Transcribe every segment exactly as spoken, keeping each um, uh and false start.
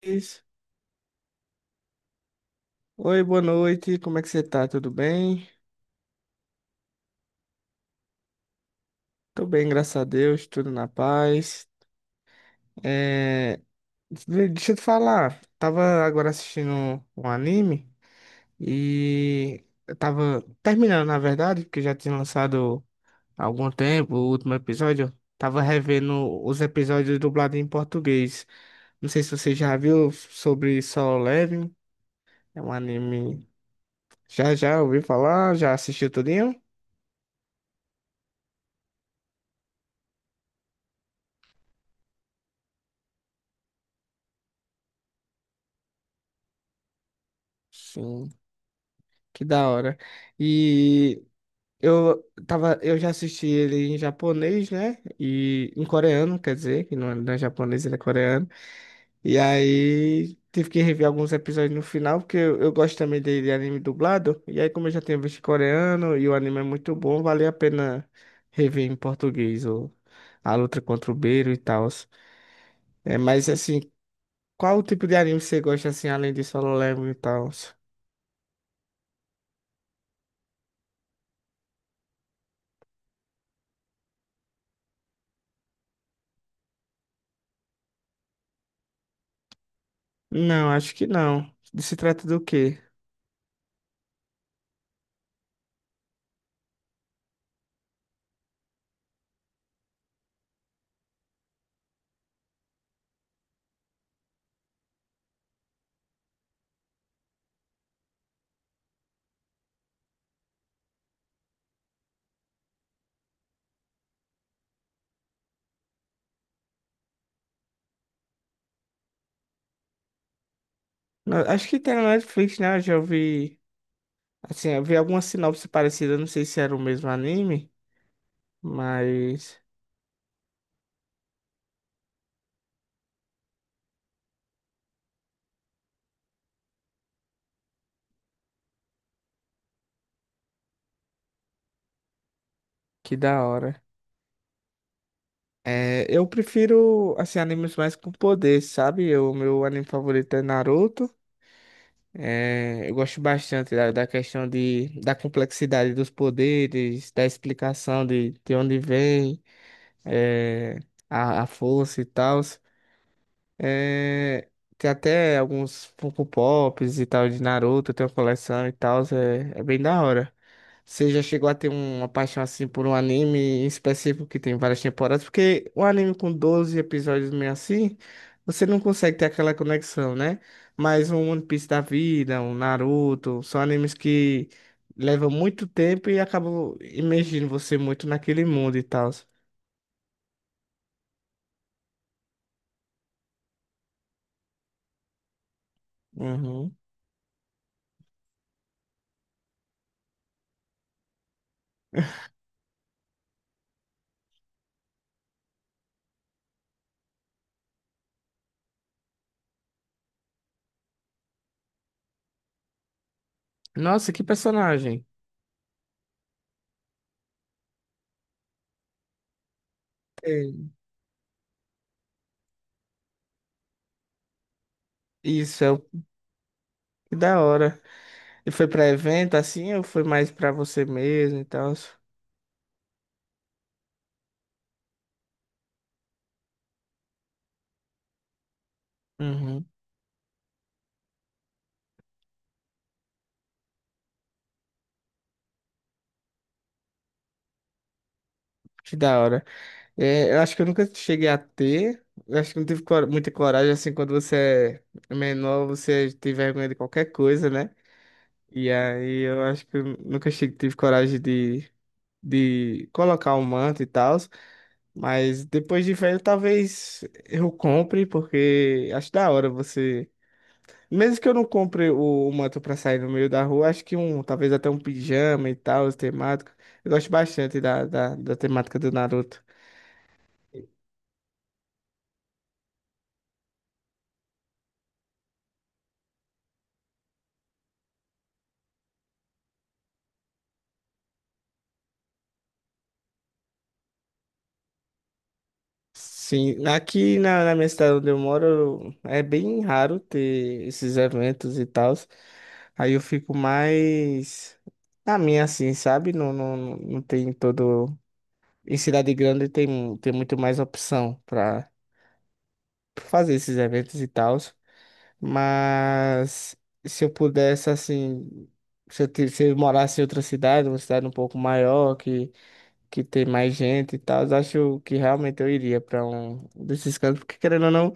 Cris. Oi, boa noite. Como é que você tá? Tudo bem? Tô bem, graças a Deus, tudo na paz. É, de- Deixa eu te falar, tava agora assistindo um anime e eu tava terminando, na verdade, porque já tinha lançado há algum tempo o último episódio. Tava revendo os episódios dublados em português. Não sei se você já viu sobre Solo Leveling. É um anime. Já já ouviu falar? Já assistiu tudinho? Sim. Que da hora. E eu tava, eu já assisti ele em japonês, né? E em coreano, quer dizer, que não é, não é japonês, ele é coreano. E aí tive que rever alguns episódios no final, porque eu, eu gosto também de, de anime dublado. E aí, como eu já tinha visto coreano e o anime é muito bom, valia a pena rever em português o, a luta contra o Beiro e tal. É, mas assim, qual o tipo de anime você gosta assim, além de Solo Leveling e tal? Não, acho que não. Se trata do quê? Não, acho que tem na Netflix, né? Eu já vi. Assim, eu vi alguma sinopse parecida, não sei se era o mesmo anime, mas. Que da hora. É, eu prefiro, assim, animes mais com poder, sabe? O meu anime favorito é Naruto. É, eu gosto bastante da, da questão de, da complexidade dos poderes, da explicação de, de onde vem, é, a, a força e tal. É, tem até alguns Funko Pops e tal de Naruto, tem uma coleção e tal, é, é bem da hora. Você já chegou a ter uma paixão assim por um anime em específico que tem várias temporadas? Porque um anime com doze episódios meio assim, você não consegue ter aquela conexão, né? Mas um One Piece da vida, um Naruto, são animes que levam muito tempo e acabam imergindo você muito naquele mundo e tal. Uhum. Nossa, que personagem! É, Isso. é o Que da hora. E foi pra evento assim ou foi mais pra você mesmo e tal? Uhum. Que da hora. É, eu acho que eu nunca cheguei a ter. Eu acho que não tive cor- muita coragem assim quando você é menor, você tem vergonha de qualquer coisa, né? E aí eu acho que eu nunca cheguei, tive coragem de, de colocar o manto e tal. Mas depois de velho, talvez eu compre, porque acho da hora você. Mesmo que eu não compre o, o manto pra sair no meio da rua, acho que um, talvez até um pijama e tal, os temáticos. Eu gosto bastante da, da, da temática do Naruto. Sim, aqui na, na minha cidade onde eu moro, é bem raro ter esses eventos e tal. Aí eu fico mais na minha, assim, sabe? Não, não, não tem todo. Em cidade grande tem, tem muito mais opção pra pra fazer esses eventos e tal. Mas se eu pudesse, assim, se eu, ti- se eu morasse em outra cidade, uma cidade um pouco maior, que, que tem mais gente e tal, eu acho que realmente eu iria para um desses cantos, porque querendo ou não,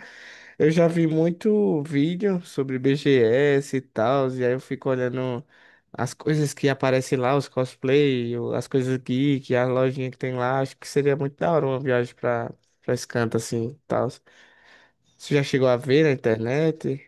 eu já vi muito vídeo sobre B G S e tal, e aí eu fico olhando as coisas que aparecem lá, os cosplay, o- as coisas geek, as lojinhas que tem lá, acho que seria muito da hora uma viagem para para esse canto assim e tal. Você já chegou a ver na internet?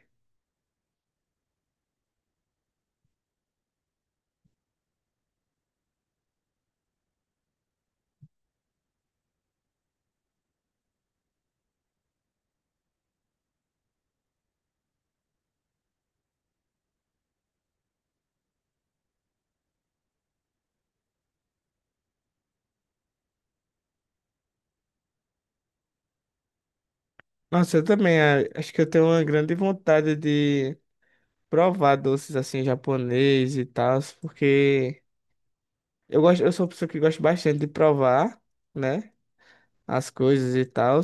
Nossa, eu também a- acho que eu tenho uma grande vontade de provar doces assim japonês e tal, porque eu gosto, eu sou uma pessoa que gosta bastante de provar, né, as coisas e tal.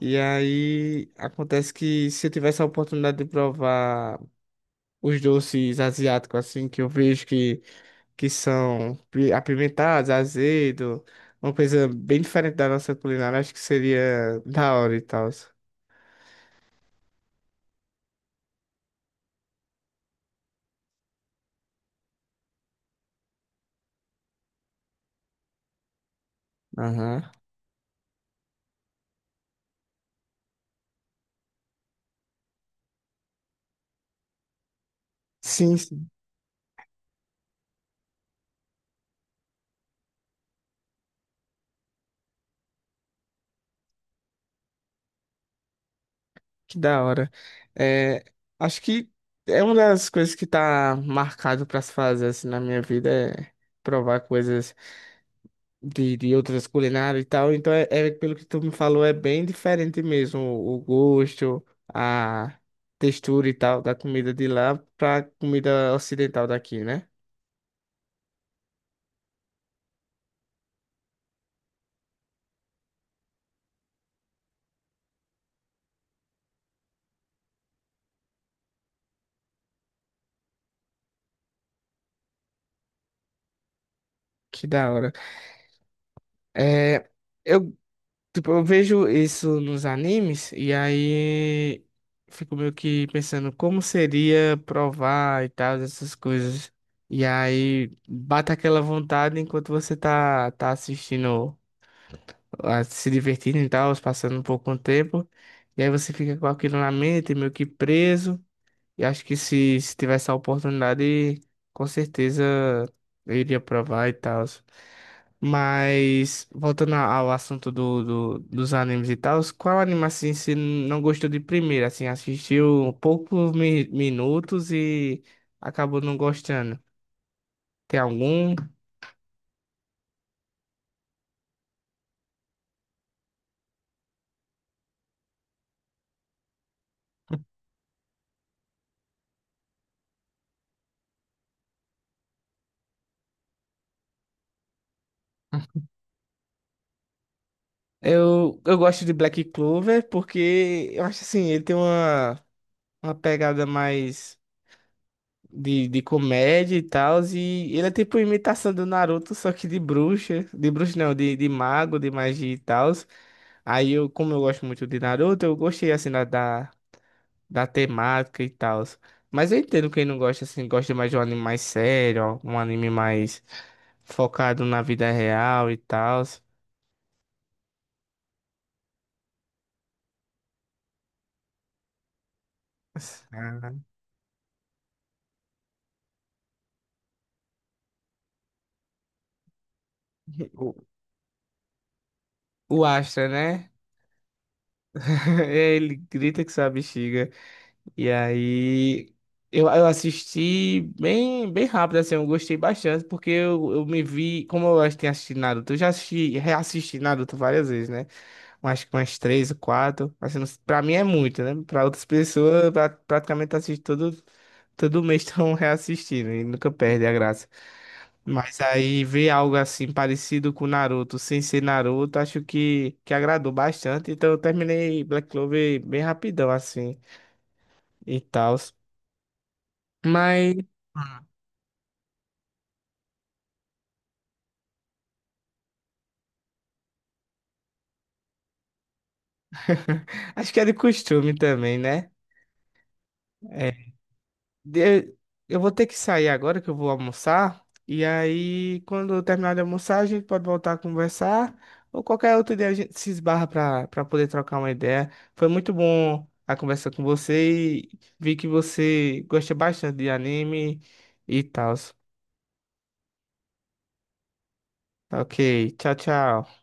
E aí acontece que se eu tivesse a oportunidade de provar os doces asiáticos assim que eu vejo que que são pi- apimentados, azedo, uma coisa bem diferente da nossa culinária, acho que seria da hora e tal. Aham. Sim. Que da hora. É, acho que é uma das coisas que tá marcado pra se fazer assim, na minha vida é provar coisas de, de outras culinárias e tal. Então, é, é pelo que tu me falou, é bem diferente mesmo o o gosto, a textura e tal da comida de lá pra comida ocidental daqui, né? Que da hora. É, eu Tipo, eu vejo isso nos animes e aí fico meio que pensando como seria provar e tal, essas coisas. E aí bate aquela vontade enquanto você tá, tá assistindo, ah, se divertindo e tal, passando um pouco o tempo. E aí você fica com aquilo na mente, meio que preso. E acho que se, se tivesse a oportunidade, com certeza eu iria provar e tal. Mas, voltando a- ao assunto do, do- dos animes e tal, qual anime assim você não gostou de primeira? Assim, assistiu poucos mi- minutos e acabou não gostando? Tem algum? Eu, eu gosto de Black Clover porque eu acho assim, ele tem uma, uma pegada mais, de, de comédia e tal. E ele é tipo imitação do Naruto, só que de bruxa. De bruxa não, de, de mago, de magia e tal. Aí eu, como eu gosto muito de Naruto, eu gostei assim da, da, da temática e tal. Mas eu entendo quem não gosta, assim, gosta mais de um anime mais sério, um anime mais focado na vida real e tal. O, o Astra, né? Ele grita que sua bexiga. E aí eu, eu assisti bem, bem rápido, assim, eu gostei bastante, porque eu, eu me vi, como eu acho que tinha assistido Naruto, eu já assisti, reassisti Naruto várias vezes, né? Eu acho que umas três ou quatro. Assim, não- pra mim é muito, né? Pra outras pessoas, eu pra, praticamente assisto todo, todo mês estão reassistindo e nunca perde a graça. Mas aí ver algo assim parecido com Naruto, sem ser Naruto, acho que, que agradou bastante. Então eu terminei Black Clover bem rapidão, assim, e tal. Mas acho que é de costume também, né? É. De- Eu vou ter que sair agora que eu vou almoçar. E aí, quando eu terminar de almoçar, a gente pode voltar a conversar. Ou qualquer outro dia a gente se esbarra para para poder trocar uma ideia. Foi muito bom a conversa com você e vi que você gosta bastante de anime e tal. Ok, tchau, tchau.